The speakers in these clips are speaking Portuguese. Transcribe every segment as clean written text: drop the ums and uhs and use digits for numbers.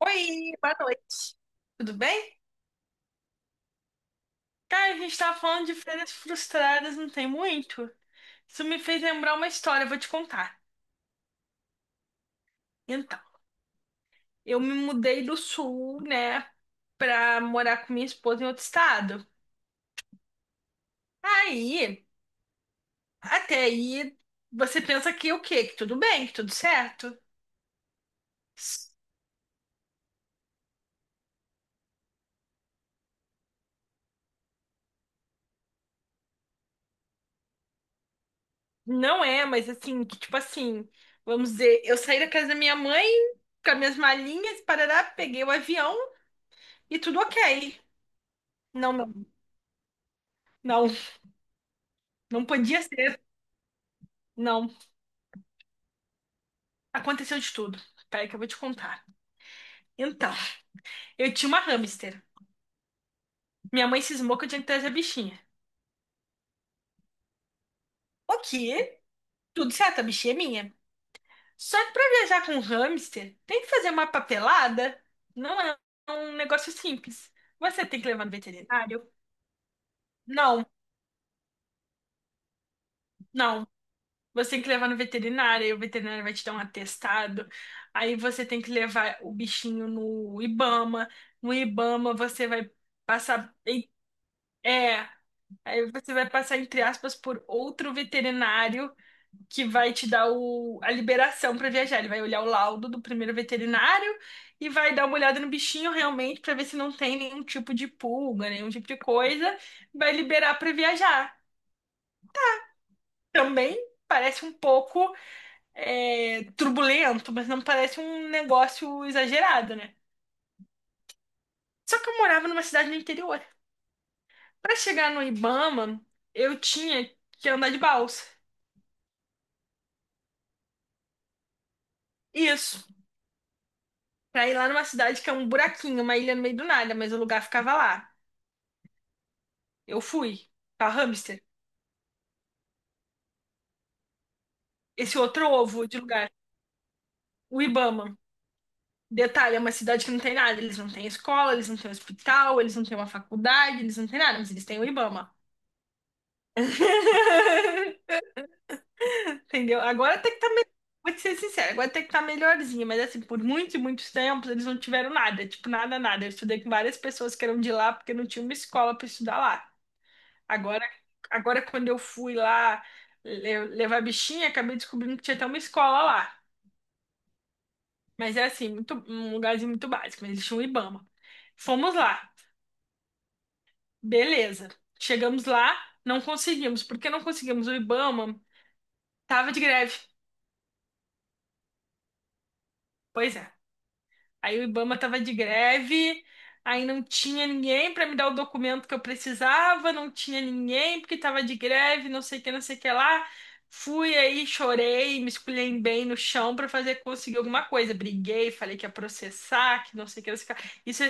Oi, boa noite. Tudo bem? Cara, a gente tava falando de férias frustradas, não tem muito. Isso me fez lembrar uma história, eu vou te contar. Então, eu me mudei do sul, né, pra morar com minha esposa em outro estado. Aí, até aí, você pensa que o quê? Que tudo bem, que tudo certo? S- Não é, mas assim, que tipo assim, vamos dizer, eu saí da casa da minha mãe com as minhas malinhas, parará, peguei o avião e tudo ok. Não, não, não. Não podia ser, não. Aconteceu de tudo. Peraí que eu vou te contar. Então, eu tinha uma hamster. Minha mãe cismou que eu tinha que trazer a bichinha. Ok, tudo certo, a bichinha é minha. Só que pra viajar com um hamster, tem que fazer uma papelada. Não é um negócio simples. Você tem que levar no veterinário? Não, não. Você tem que levar no veterinário, aí o veterinário vai te dar um atestado. Aí você tem que levar o bichinho no Ibama. No Ibama você vai passar. É. Aí você vai passar, entre aspas, por outro veterinário que vai te dar a liberação para viajar. Ele vai olhar o laudo do primeiro veterinário e vai dar uma olhada no bichinho realmente para ver se não tem nenhum tipo de pulga, nenhum tipo de coisa. Vai liberar para viajar. Também parece um pouco turbulento, mas não parece um negócio exagerado, né? Só que eu morava numa cidade no interior. Para chegar no Ibama, eu tinha que andar de balsa. Isso. Pra ir lá numa cidade que é um buraquinho, uma ilha no meio do nada, mas o lugar ficava lá. Eu fui pra hamster. Esse outro ovo de lugar, o Ibama. Detalhe, é uma cidade que não tem nada. Eles não têm escola, eles não têm hospital, eles não têm uma faculdade, eles não têm nada, mas eles têm o Ibama. Entendeu? Agora tem que tá melhor. Vou te ser sincera, agora tem que tá melhorzinho, mas assim, por muitos e muitos tempos eles não tiveram nada, tipo, nada, nada. Eu estudei com várias pessoas que eram de lá porque não tinha uma escola pra estudar lá. Agora, agora quando eu fui lá levar a bichinha, acabei descobrindo que tinha até uma escola lá. Mas é assim, muito, um lugarzinho muito básico, mas eles tinham um Ibama. Fomos lá, beleza. Chegamos lá, não conseguimos. Porque não conseguimos? O Ibama tava de greve. Pois é. Aí o Ibama tava de greve, aí não tinha ninguém para me dar o documento que eu precisava, não tinha ninguém porque tava de greve, não sei o que, não sei o que lá. Fui aí, chorei, me esculhambei no chão para fazer conseguir alguma coisa. Briguei, falei que ia processar, que não sei o que, não sei o que lá. Isso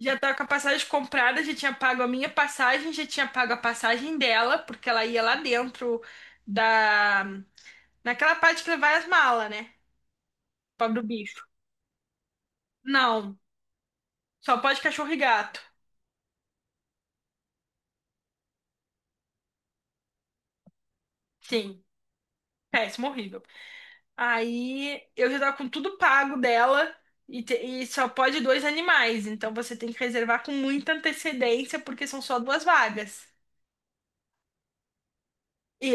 já tava com a passagem comprada, já tinha pago a minha passagem, já tinha pago a passagem dela, porque ela ia lá dentro da naquela parte que vai as malas, né? Pobre do bicho. Não, só pode cachorro e gato. Sim, péssimo, horrível. Aí eu já tava com tudo pago dela e só pode dois animais, então você tem que reservar com muita antecedência porque são só duas vagas.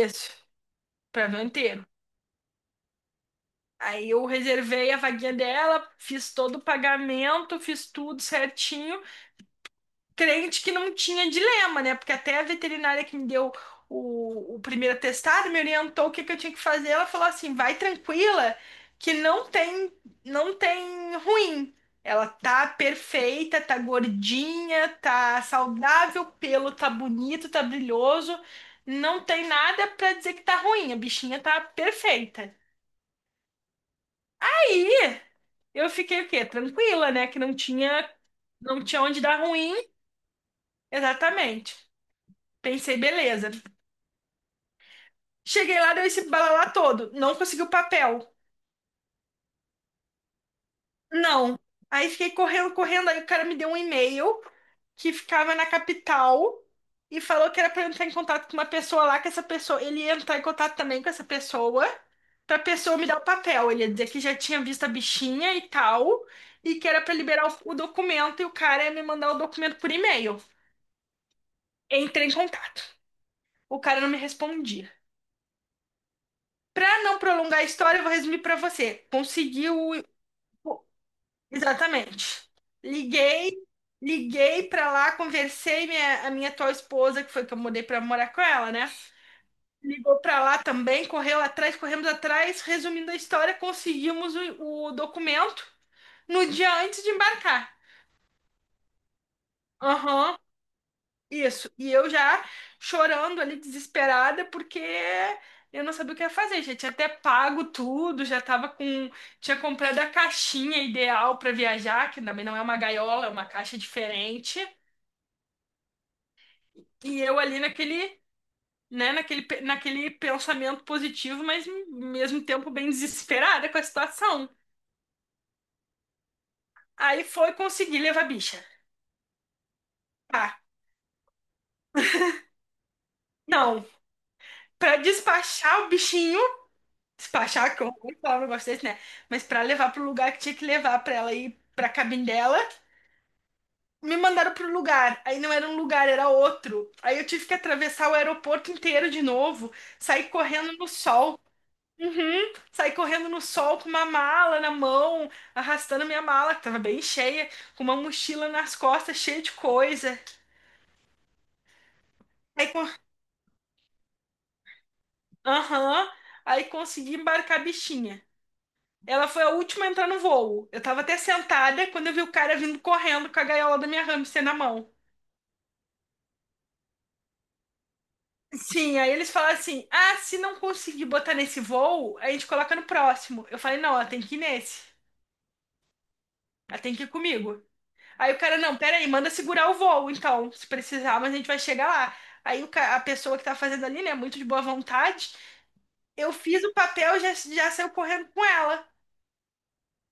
Isso, para ver inteiro. Aí eu reservei a vaguinha dela, fiz todo o pagamento, fiz tudo certinho. Crente que não tinha dilema, né? Porque até a veterinária que me deu o primeiro atestado me orientou o que que eu tinha que fazer. Ela falou assim: vai tranquila, que não tem ruim. Ela tá perfeita, tá gordinha, tá saudável, o pelo tá bonito, tá brilhoso. Não tem nada pra dizer que tá ruim. A bichinha tá perfeita. Aí eu fiquei o quê? Tranquila, né? Que não tinha onde dar ruim. Exatamente. Pensei, beleza. Cheguei lá, deu esse balalá todo. Não consegui o papel. Não. Aí fiquei correndo, correndo. Aí o cara me deu um e-mail que ficava na capital e falou que era pra eu entrar em contato com uma pessoa lá, que essa pessoa, ele ia entrar em contato também com essa pessoa, pra pessoa me dar o papel. Ele ia dizer que já tinha visto a bichinha e tal, e que era pra liberar o documento e o cara ia me mandar o documento por e-mail. Entrei em contato. O cara não me respondia. Pra não prolongar a história, eu vou resumir pra você. Consegui o, Exatamente. Liguei, liguei pra lá, conversei a minha atual esposa, que foi que eu mudei pra morar com ela, né? Ligou pra lá também, correu atrás, corremos atrás, resumindo a história, conseguimos o documento no dia antes de embarcar. Aham, isso. E eu já chorando ali, desesperada, porque eu não sabia o que ia fazer. Já tinha até pago tudo, já tava com. Tinha comprado a caixinha ideal para viajar, que também não é uma gaiola, é uma caixa diferente. E eu ali naquele, né, naquele pensamento positivo, mas ao mesmo tempo bem desesperada com a situação. Aí foi conseguir levar a bicha. Ah, não. Pra despachar o bichinho, despachar, que eu vou falar um negócio desse, né? Mas pra levar pro lugar que tinha que levar pra ela ir pra cabine dela, me mandaram pro lugar. Aí não era um lugar, era outro. Aí eu tive que atravessar o aeroporto inteiro de novo, sair correndo no sol. Uhum. Saí correndo no sol com uma mala na mão, arrastando minha mala, que tava bem cheia, com uma mochila nas costas, cheia de coisa. Aí, co- Aham. Aí consegui embarcar a bichinha. Ela foi a última a entrar no voo. Eu tava até sentada quando eu vi o cara vindo correndo com a gaiola da minha hamster na mão. Sim, aí eles falaram assim: ah, se não conseguir botar nesse voo, a gente coloca no próximo. Eu falei: não, ela tem que ir nesse. Ela tem que ir comigo. Aí o cara, não, peraí, manda segurar o voo, então, se precisar, mas a gente vai chegar lá. Aí a pessoa que tá fazendo ali, né, muito de boa vontade, eu fiz o papel, já saiu correndo com ela.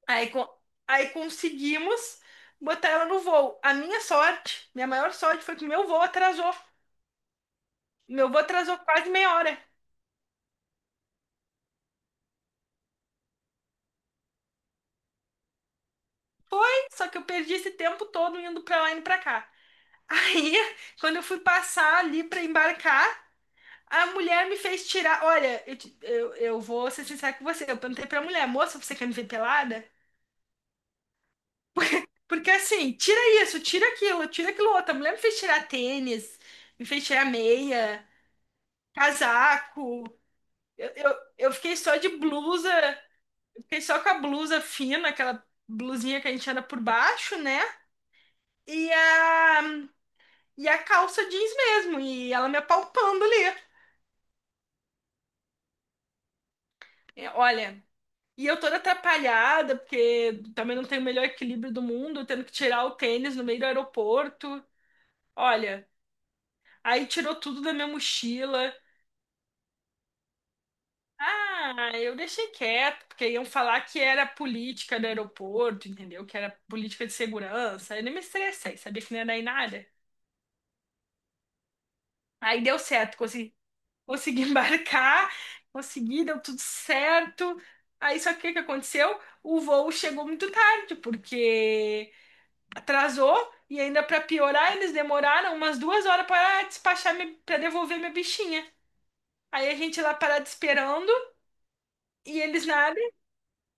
Aí, co- aí conseguimos botar ela no voo. A minha sorte, minha maior sorte foi que o meu voo atrasou. Meu voo atrasou quase meia hora. Só que eu perdi esse tempo todo indo pra lá e indo pra cá. Aí, quando eu fui passar ali pra embarcar, a mulher me fez tirar. Olha, eu vou ser sincera com você. Eu perguntei pra mulher, moça, você quer me ver pelada? Porque assim, tira isso, tira aquilo outro. A mulher me fez tirar tênis, me fez tirar meia, casaco. Eu fiquei só de blusa, eu fiquei só com a blusa fina, aquela blusinha que a gente anda por baixo, né? E a, e a calça jeans mesmo. E ela me apalpando ali. É, olha, e eu toda atrapalhada, porque também não tenho o melhor equilíbrio do mundo, tendo que tirar o tênis no meio do aeroporto. Olha, aí tirou tudo da minha mochila. Ah, eu deixei quieto, porque iam falar que era política do aeroporto, entendeu? Que era política de segurança. Eu nem me estressei, sabia que não ia dar em nada. Aí deu certo, consegui, consegui embarcar, consegui, deu tudo certo. Aí só que o que que aconteceu? O voo chegou muito tarde, porque atrasou e ainda pra piorar, eles demoraram umas 2 horas para despachar, para devolver minha bichinha. Aí a gente lá parado esperando e eles nada.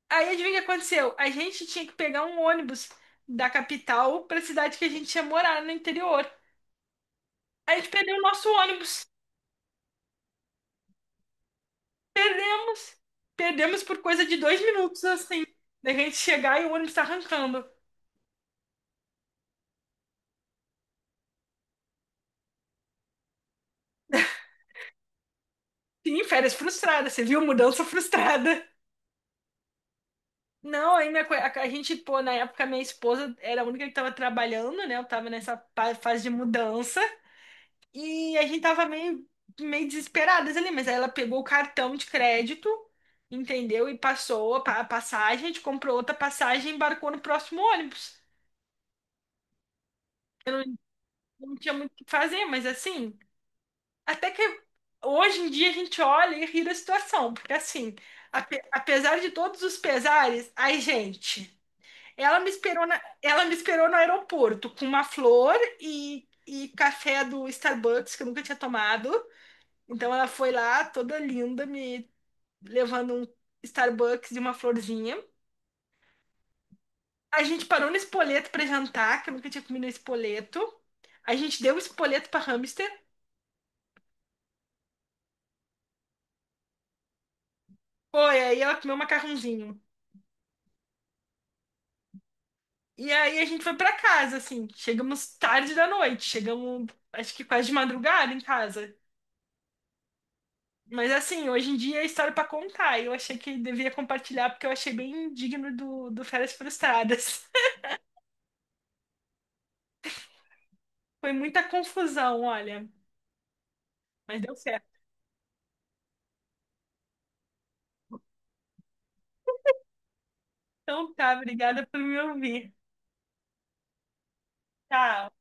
Aí adivinha o que aconteceu? A gente tinha que pegar um ônibus da capital pra cidade que a gente ia morar no interior. A gente perdeu o nosso ônibus. Perdemos. Perdemos por coisa de 2 minutos, assim. Da gente chegar e o ônibus tá arrancando. Sim, férias frustradas. Você viu? Mudança frustrada. Não, a gente, pô, na época minha esposa era a única que tava trabalhando, né? Eu tava nessa fase de mudança e a gente tava meio, meio desesperadas ali, mas aí ela pegou o cartão de crédito, entendeu? E passou a passagem, a gente comprou outra passagem e embarcou no próximo ônibus. Não tinha muito o que fazer, mas assim, até que hoje em dia a gente olha e ri da situação, porque assim, apesar de todos os pesares, ai, gente. Ela me esperou na, ela me esperou no aeroporto com uma flor e café do Starbucks que eu nunca tinha tomado. Então ela foi lá toda linda, me levando um Starbucks e uma florzinha. A gente parou no espoleto para jantar, que eu nunca tinha comido espoleto. A gente deu o espoleto para hamster. Foi, aí ela comeu um macarrãozinho. E aí a gente foi para casa, assim. Chegamos tarde da noite. Chegamos, acho que quase de madrugada em casa. Mas assim, hoje em dia é história pra contar. E eu achei que devia compartilhar porque eu achei bem digno do Férias Frustradas. Foi muita confusão, olha. Mas deu certo. Então tá, obrigada por me ouvir. Tchau.